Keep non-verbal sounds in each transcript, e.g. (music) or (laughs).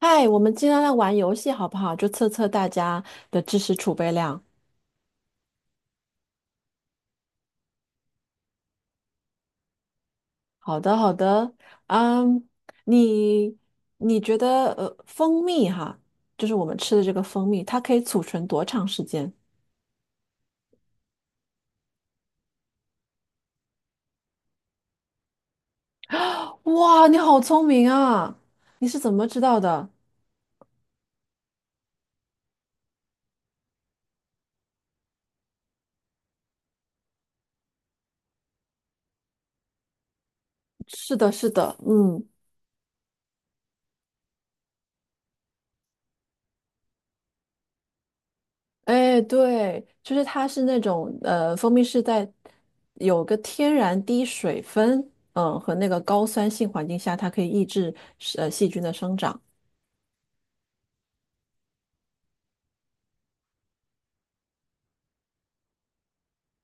嗨，我们今天来玩游戏好不好？就测测大家的知识储备量。好的，好的。嗯，你你觉得蜂蜜哈，就是我们吃的这个蜂蜜，它可以储存多长时间？哇，你好聪明啊！你是怎么知道的？是的，是的，嗯，哎，对，就是它是那种蜂蜜是在有个天然低水分，嗯，和那个高酸性环境下，它可以抑制细菌的生长。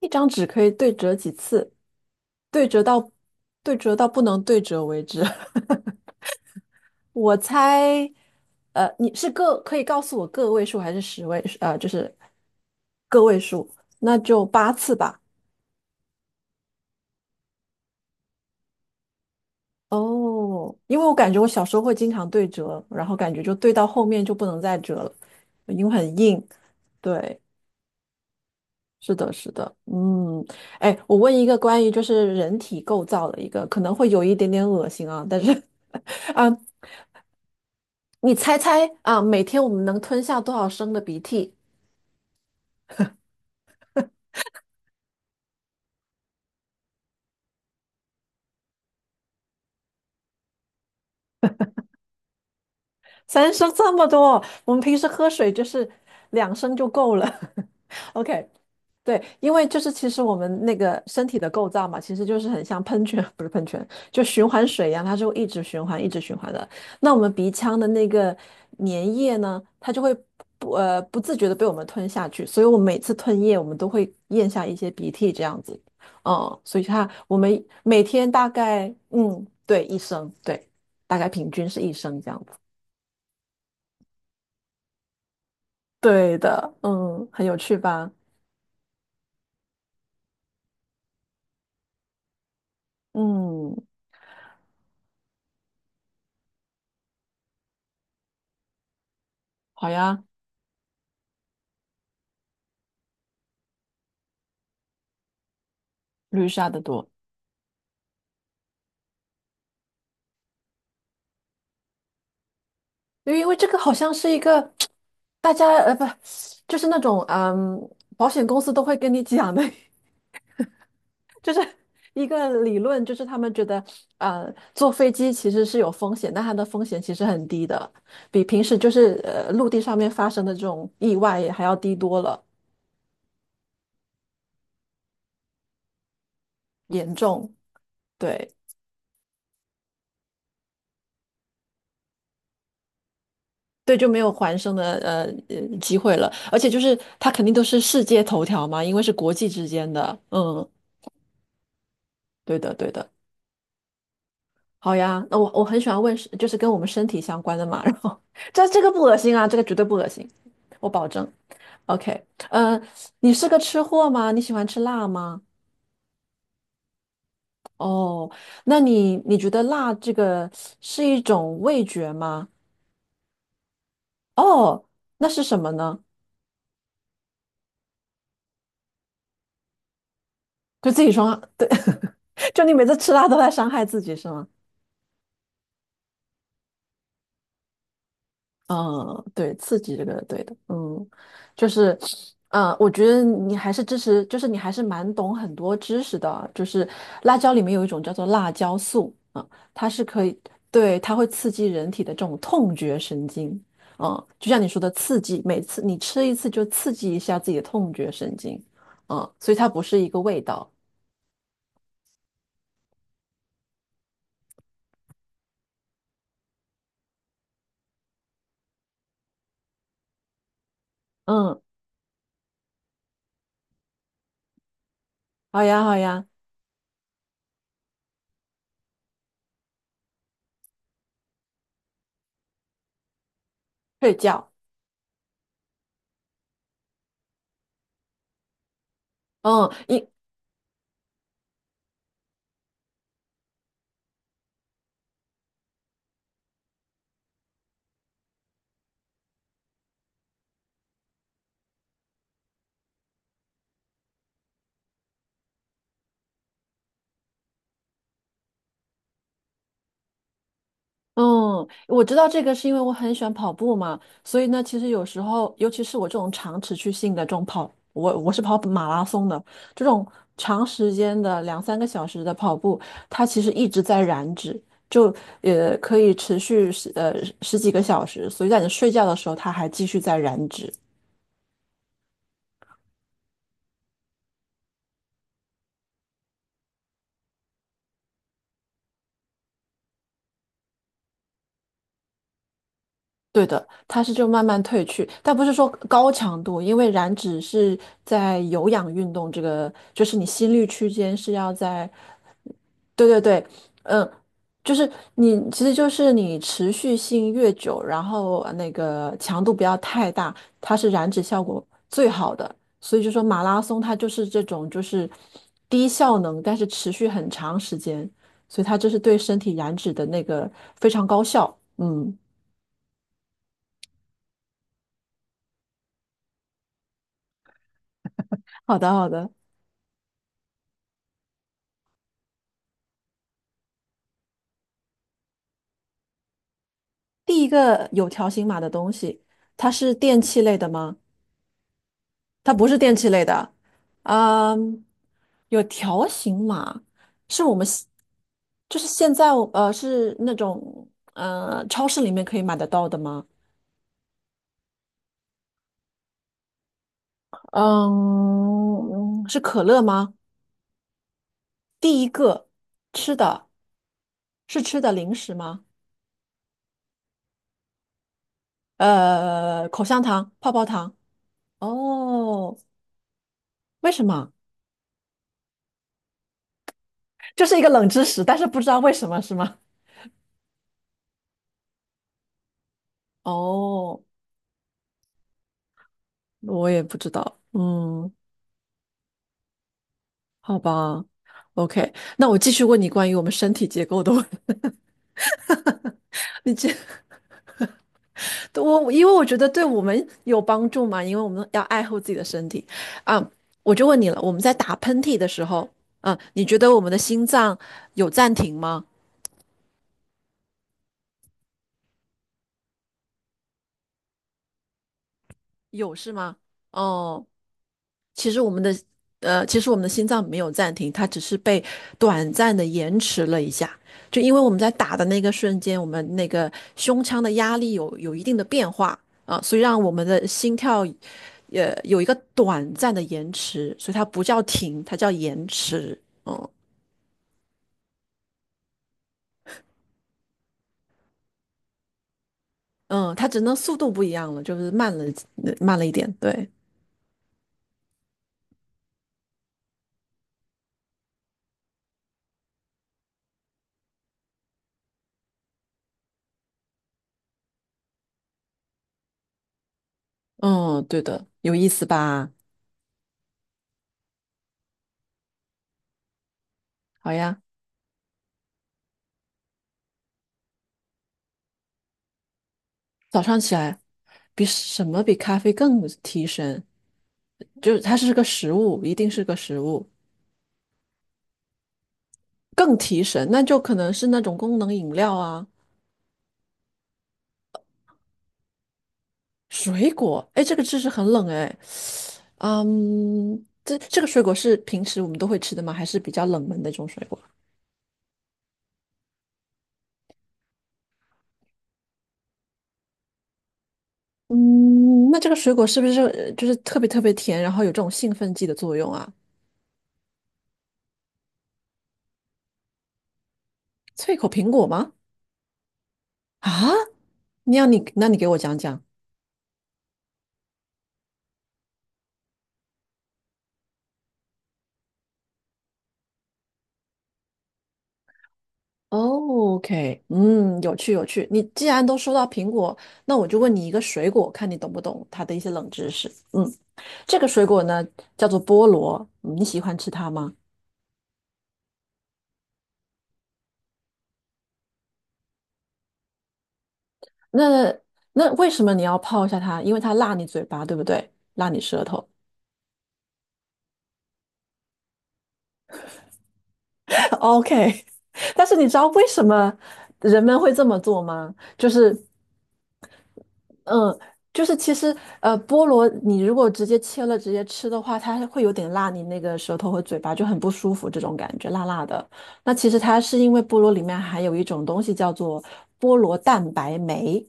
一张纸可以对折几次？对折到对折到不能对折为止。(laughs) 我猜，你是个可以告诉我个位数还是十位？就是个位数，那就八次吧。哦，因为我感觉我小时候会经常对折，然后感觉就对到后面就不能再折了，因为很硬。对，是的，是的，嗯，哎，我问一个关于就是人体构造的一个，可能会有一点点恶心啊，但是 (laughs) 啊，你猜猜啊，每天我们能吞下多少升的鼻涕？三升这么多，我们平时喝水就是两升就够了。(laughs) OK，对，因为就是其实我们那个身体的构造嘛，其实就是很像喷泉，(laughs) 不是喷泉，就循环水一样，它是会一直循环、一直循环的。那我们鼻腔的那个粘液呢，它就会不自觉的被我们吞下去，所以我们每次吞咽，我们都会咽下一些鼻涕这样子。嗯，所以它我们每天大概嗯对一升，对，大概平均是一升这样子。对的，嗯，很有趣吧？嗯，好呀，绿沙的多。对因为这个好像是一个大家呃不，就是那种嗯，保险公司都会跟你讲的，(laughs) 就是一个理论，就是他们觉得坐飞机其实是有风险，但它的风险其实很低的，比平时就是陆地上面发生的这种意外还要低多了，严重。对对，就没有还生的机会了，而且就是它肯定都是世界头条嘛，因为是国际之间的，嗯，对的对的。好呀，那我很喜欢问是，就是跟我们身体相关的嘛。然后 (laughs) 这个不恶心啊，这个绝对不恶心，我保证。OK，嗯、呃你是个吃货吗？你喜欢吃辣吗？哦，那你觉得辣这个是一种味觉吗？哦，那是什么呢？就自己说，对，(laughs) 就你每次吃辣都在伤害自己是吗？嗯，对，刺激这个对的，嗯，就是，嗯，我觉得你还是支持，就是你还是蛮懂很多知识的啊，就是辣椒里面有一种叫做辣椒素，啊、它是可以，对，它会刺激人体的这种痛觉神经，嗯，就像你说的刺激，每次你吃一次就刺激一下自己的痛觉神经，嗯，所以它不是一个味道，嗯，好呀好呀，睡觉，嗯，一嗯，我知道这个是因为我很喜欢跑步嘛，所以呢，其实有时候，尤其是我这种长持续性的这种跑，我是跑马拉松的，这种长时间的两三个小时的跑步，它其实一直在燃脂，就可以持续十几个小时，所以在你睡觉的时候，它还继续在燃脂。对的，它是就慢慢褪去，但不是说高强度，因为燃脂是在有氧运动这个，就是你心率区间是要在。对对对，嗯，就是你，其实就是你持续性越久，然后那个强度不要太大，它是燃脂效果最好的。所以就说马拉松它就是这种就是低效能，但是持续很长时间，所以它就是对身体燃脂的那个非常高效。嗯，好的好的。第一个有条形码的东西，它是电器类的吗？它不是电器类的，嗯，有条形码，是我们现就是现在是那种超市里面可以买得到的吗？嗯，是可乐吗？第一个吃的是吃的零食吗？口香糖、泡泡糖。哦，为什么？这是一个冷知识，但是不知道为什么是吗？哦，我也不知道。嗯，好吧，OK，那我继续问你关于我们身体结构的问题。(laughs) 你这我因为我觉得对我们有帮助嘛，因为我们要爱护自己的身体啊。我就问你了，我们在打喷嚏的时候，嗯，你觉得我们的心脏有暂停吗？有是吗？哦，其实我们的其实我们的心脏没有暂停，它只是被短暂的延迟了一下。就因为我们在打的那个瞬间，我们那个胸腔的压力有一定的变化啊，所以让我们的心跳有一个短暂的延迟，所以它不叫停，它叫延迟。嗯嗯，它只能速度不一样了，就是慢了一点。对，嗯，对的，有意思吧？好呀。早上起来，比什么比咖啡更提神？就是它是个食物，一定是个食物，更提神，那就可能是那种功能饮料啊，水果。哎，这个知识很冷哎，嗯，这这个水果是平时我们都会吃的吗？还是比较冷门的一种水果？嗯，那这个水果是不是就是特别特别甜，然后有这种兴奋剂的作用啊？脆口苹果吗？啊，那你给我讲讲。哦，OK，嗯，有趣有趣。你既然都说到苹果，那我就问你一个水果，看你懂不懂它的一些冷知识。嗯，这个水果呢叫做菠萝，嗯你喜欢吃它吗？那那为什么你要泡一下它？因为它辣你嘴巴，对不对？辣你舌头。(laughs) OK，(laughs) 但是你知道为什么人们会这么做吗？就是。嗯，就是其实菠萝你如果直接切了直接吃的话，它会有点辣，你那个舌头和嘴巴就很不舒服，这种感觉辣辣的。那其实它是因为菠萝里面含有一种东西叫做菠萝蛋白酶，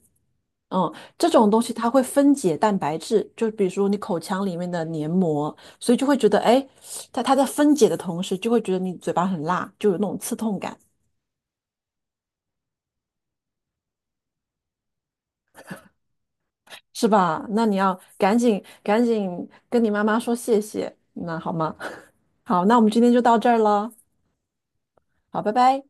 嗯，这种东西它会分解蛋白质，就比如说你口腔里面的黏膜，所以就会觉得哎，诶它在分解的同时就会觉得你嘴巴很辣，就有那种刺痛感。是吧？那你要赶紧赶紧跟你妈妈说谢谢，那好吗？(laughs) 好，那我们今天就到这儿了，好，拜拜。